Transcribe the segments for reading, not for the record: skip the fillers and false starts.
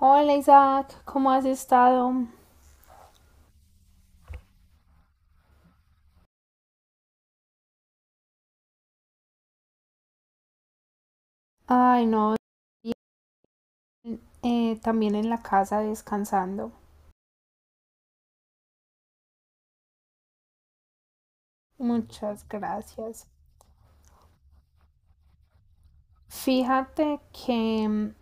Hola Isaac, ¿cómo has estado? Ay, no, bien, también en la casa descansando. Muchas gracias. Fíjate que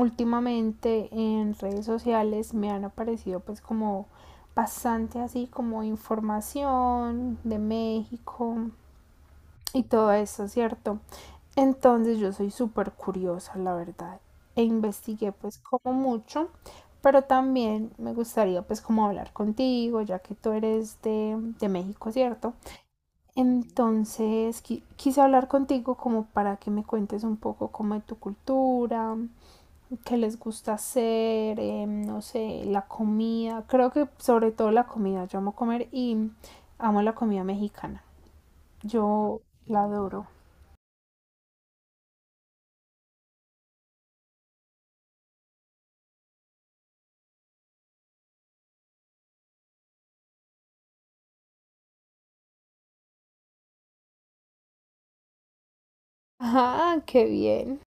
últimamente en redes sociales me han aparecido pues como bastante así como información de México y todo eso, ¿cierto? Entonces yo soy súper curiosa, la verdad. E investigué pues como mucho, pero también me gustaría pues como hablar contigo, ya que tú eres de México, ¿cierto? Entonces quise hablar contigo como para que me cuentes un poco como de tu cultura, qué les gusta hacer, no sé, la comida. Creo que sobre todo la comida, yo amo comer y amo la comida mexicana. Yo la adoro. Ah, qué bien.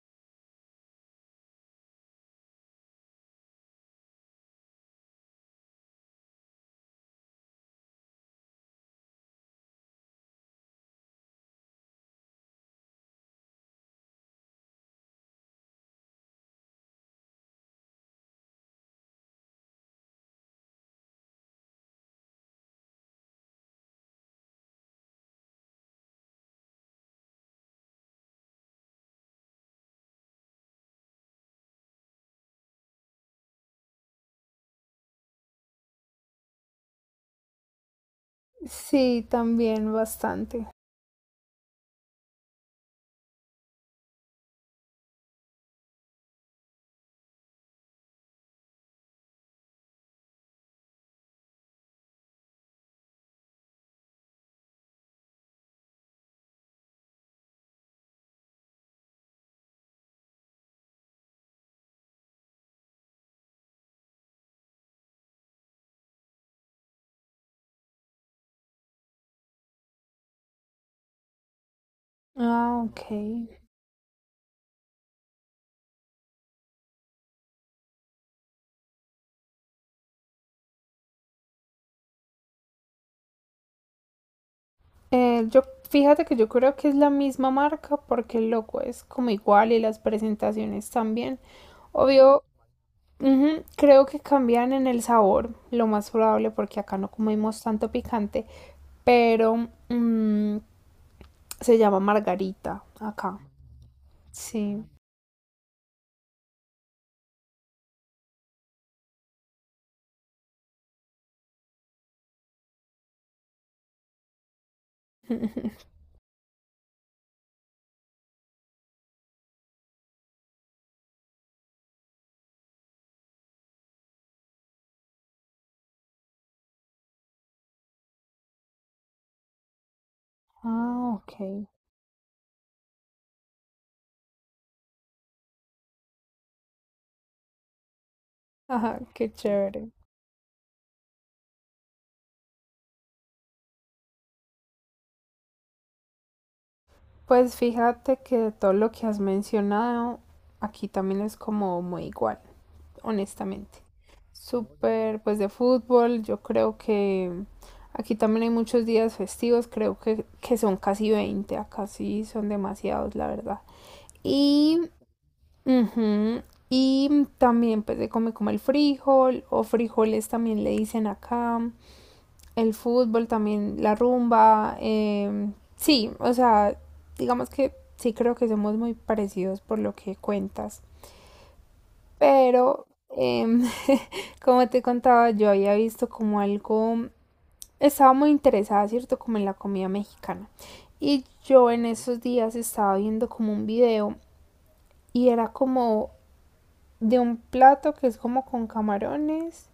Sí, también bastante. Ah, ok. Eh, yo, fíjate que yo creo que es la misma marca porque el logo es como igual y las presentaciones también. Obvio, ujú, creo que cambian en el sabor, lo más probable porque acá no comemos tanto picante, pero mm, se llama margarita acá. Sí. Ah, ok. Ajá, qué chévere. Pues fíjate que todo lo que has mencionado, aquí también es como muy igual, honestamente. Súper, pues de fútbol, yo creo que aquí también hay muchos días festivos, creo que son casi 20. Acá sí son demasiados, la verdad. Y, ujú, y también pues se come como el frijol o frijoles también le dicen acá, el fútbol también, la rumba, em, sí, o sea, digamos que sí creo que somos muy parecidos por lo que cuentas, pero... Como te contaba, yo había visto como algo, estaba muy interesada, ¿cierto? Como en la comida mexicana. Y yo en esos días estaba viendo como un video y era como de un plato que es como con camarones,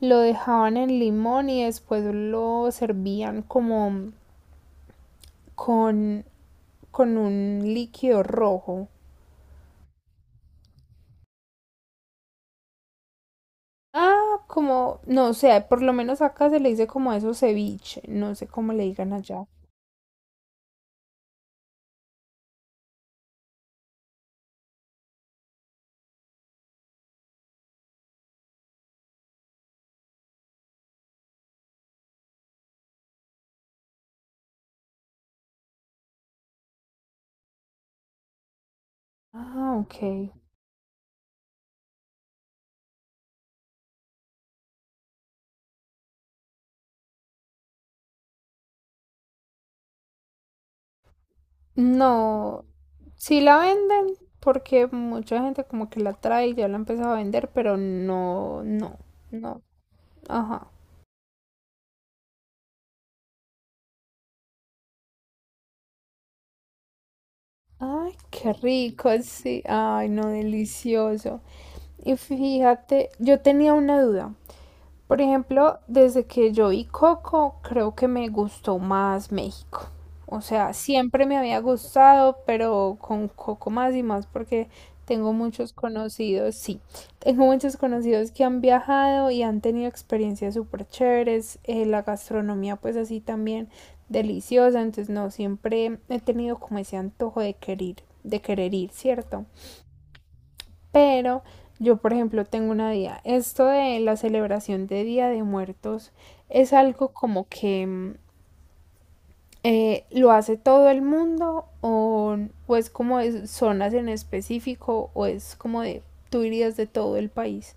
lo dejaban en limón y después lo servían como con, con un líquido rojo. Ah, como, no sé, por lo menos acá se le dice como eso ceviche, no sé cómo le digan allá. Ah, ok. No, sí la venden porque mucha gente como que la trae y ya la ha empezado a vender, pero no, no, no. Ajá. Ay, qué rico, sí. Ay, no, delicioso. Y fíjate, yo tenía una duda. Por ejemplo, desde que yo vi Coco, creo que me gustó más México. O sea, siempre me había gustado, pero con Coco más y más porque tengo muchos conocidos, sí, tengo muchos conocidos que han viajado y han tenido experiencias súper chéveres, la gastronomía pues así también deliciosa, entonces no, siempre he tenido como ese antojo de querer ir, ¿cierto? Pero yo, por ejemplo, tengo una idea. Esto de la celebración de Día de Muertos es algo como que lo hace todo el mundo o es como de zonas en específico o es como de tú irías de todo el país.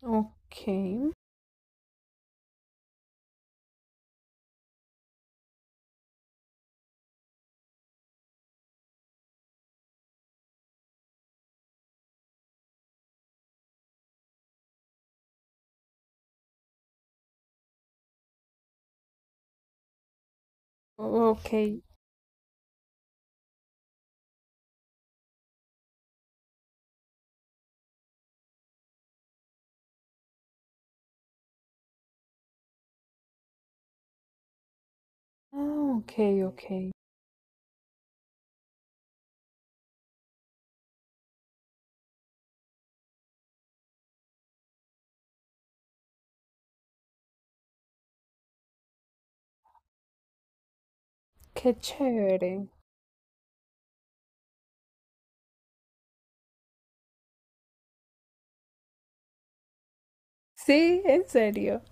Ok, ok. Ah, ok, ok. Qué chévere. Sí, en serio.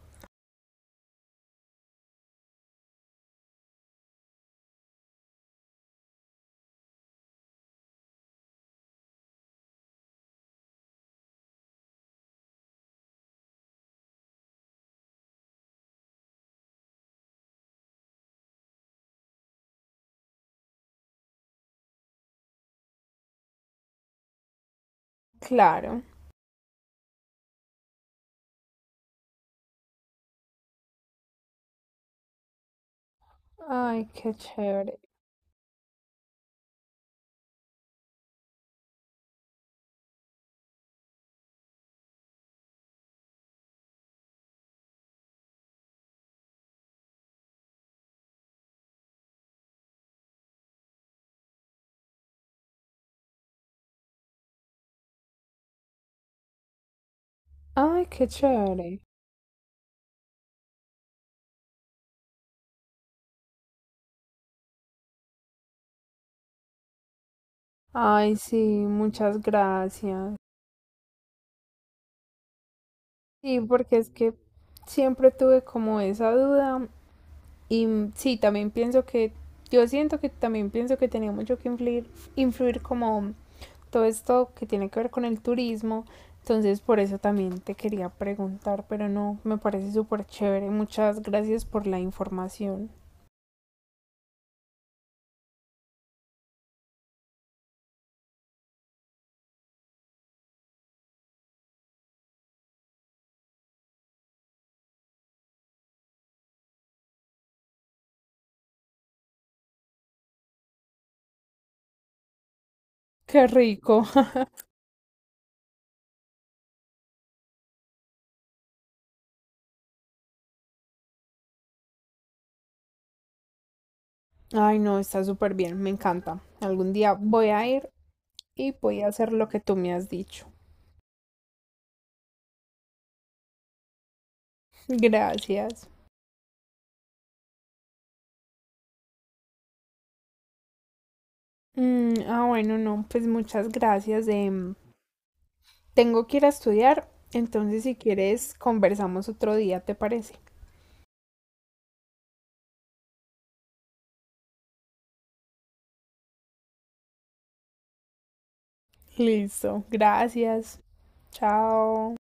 Claro. Ay, qué chévere. Ay, qué chévere. Ay, sí, muchas gracias. Sí, porque es que siempre tuve como esa duda y sí, también pienso que, yo siento que también pienso que tenía mucho que influir, influir como todo esto que tiene que ver con el turismo, entonces por eso también te quería preguntar, pero no, me parece súper chévere, muchas gracias por la información. Qué rico. Ay, no, está súper bien, me encanta. Algún día voy a ir y voy a hacer lo que tú me has dicho. Gracias. Mm, ah, bueno, no, pues muchas gracias. Tengo que ir a estudiar, entonces si quieres conversamos otro día, ¿te parece? Listo, gracias. Chao.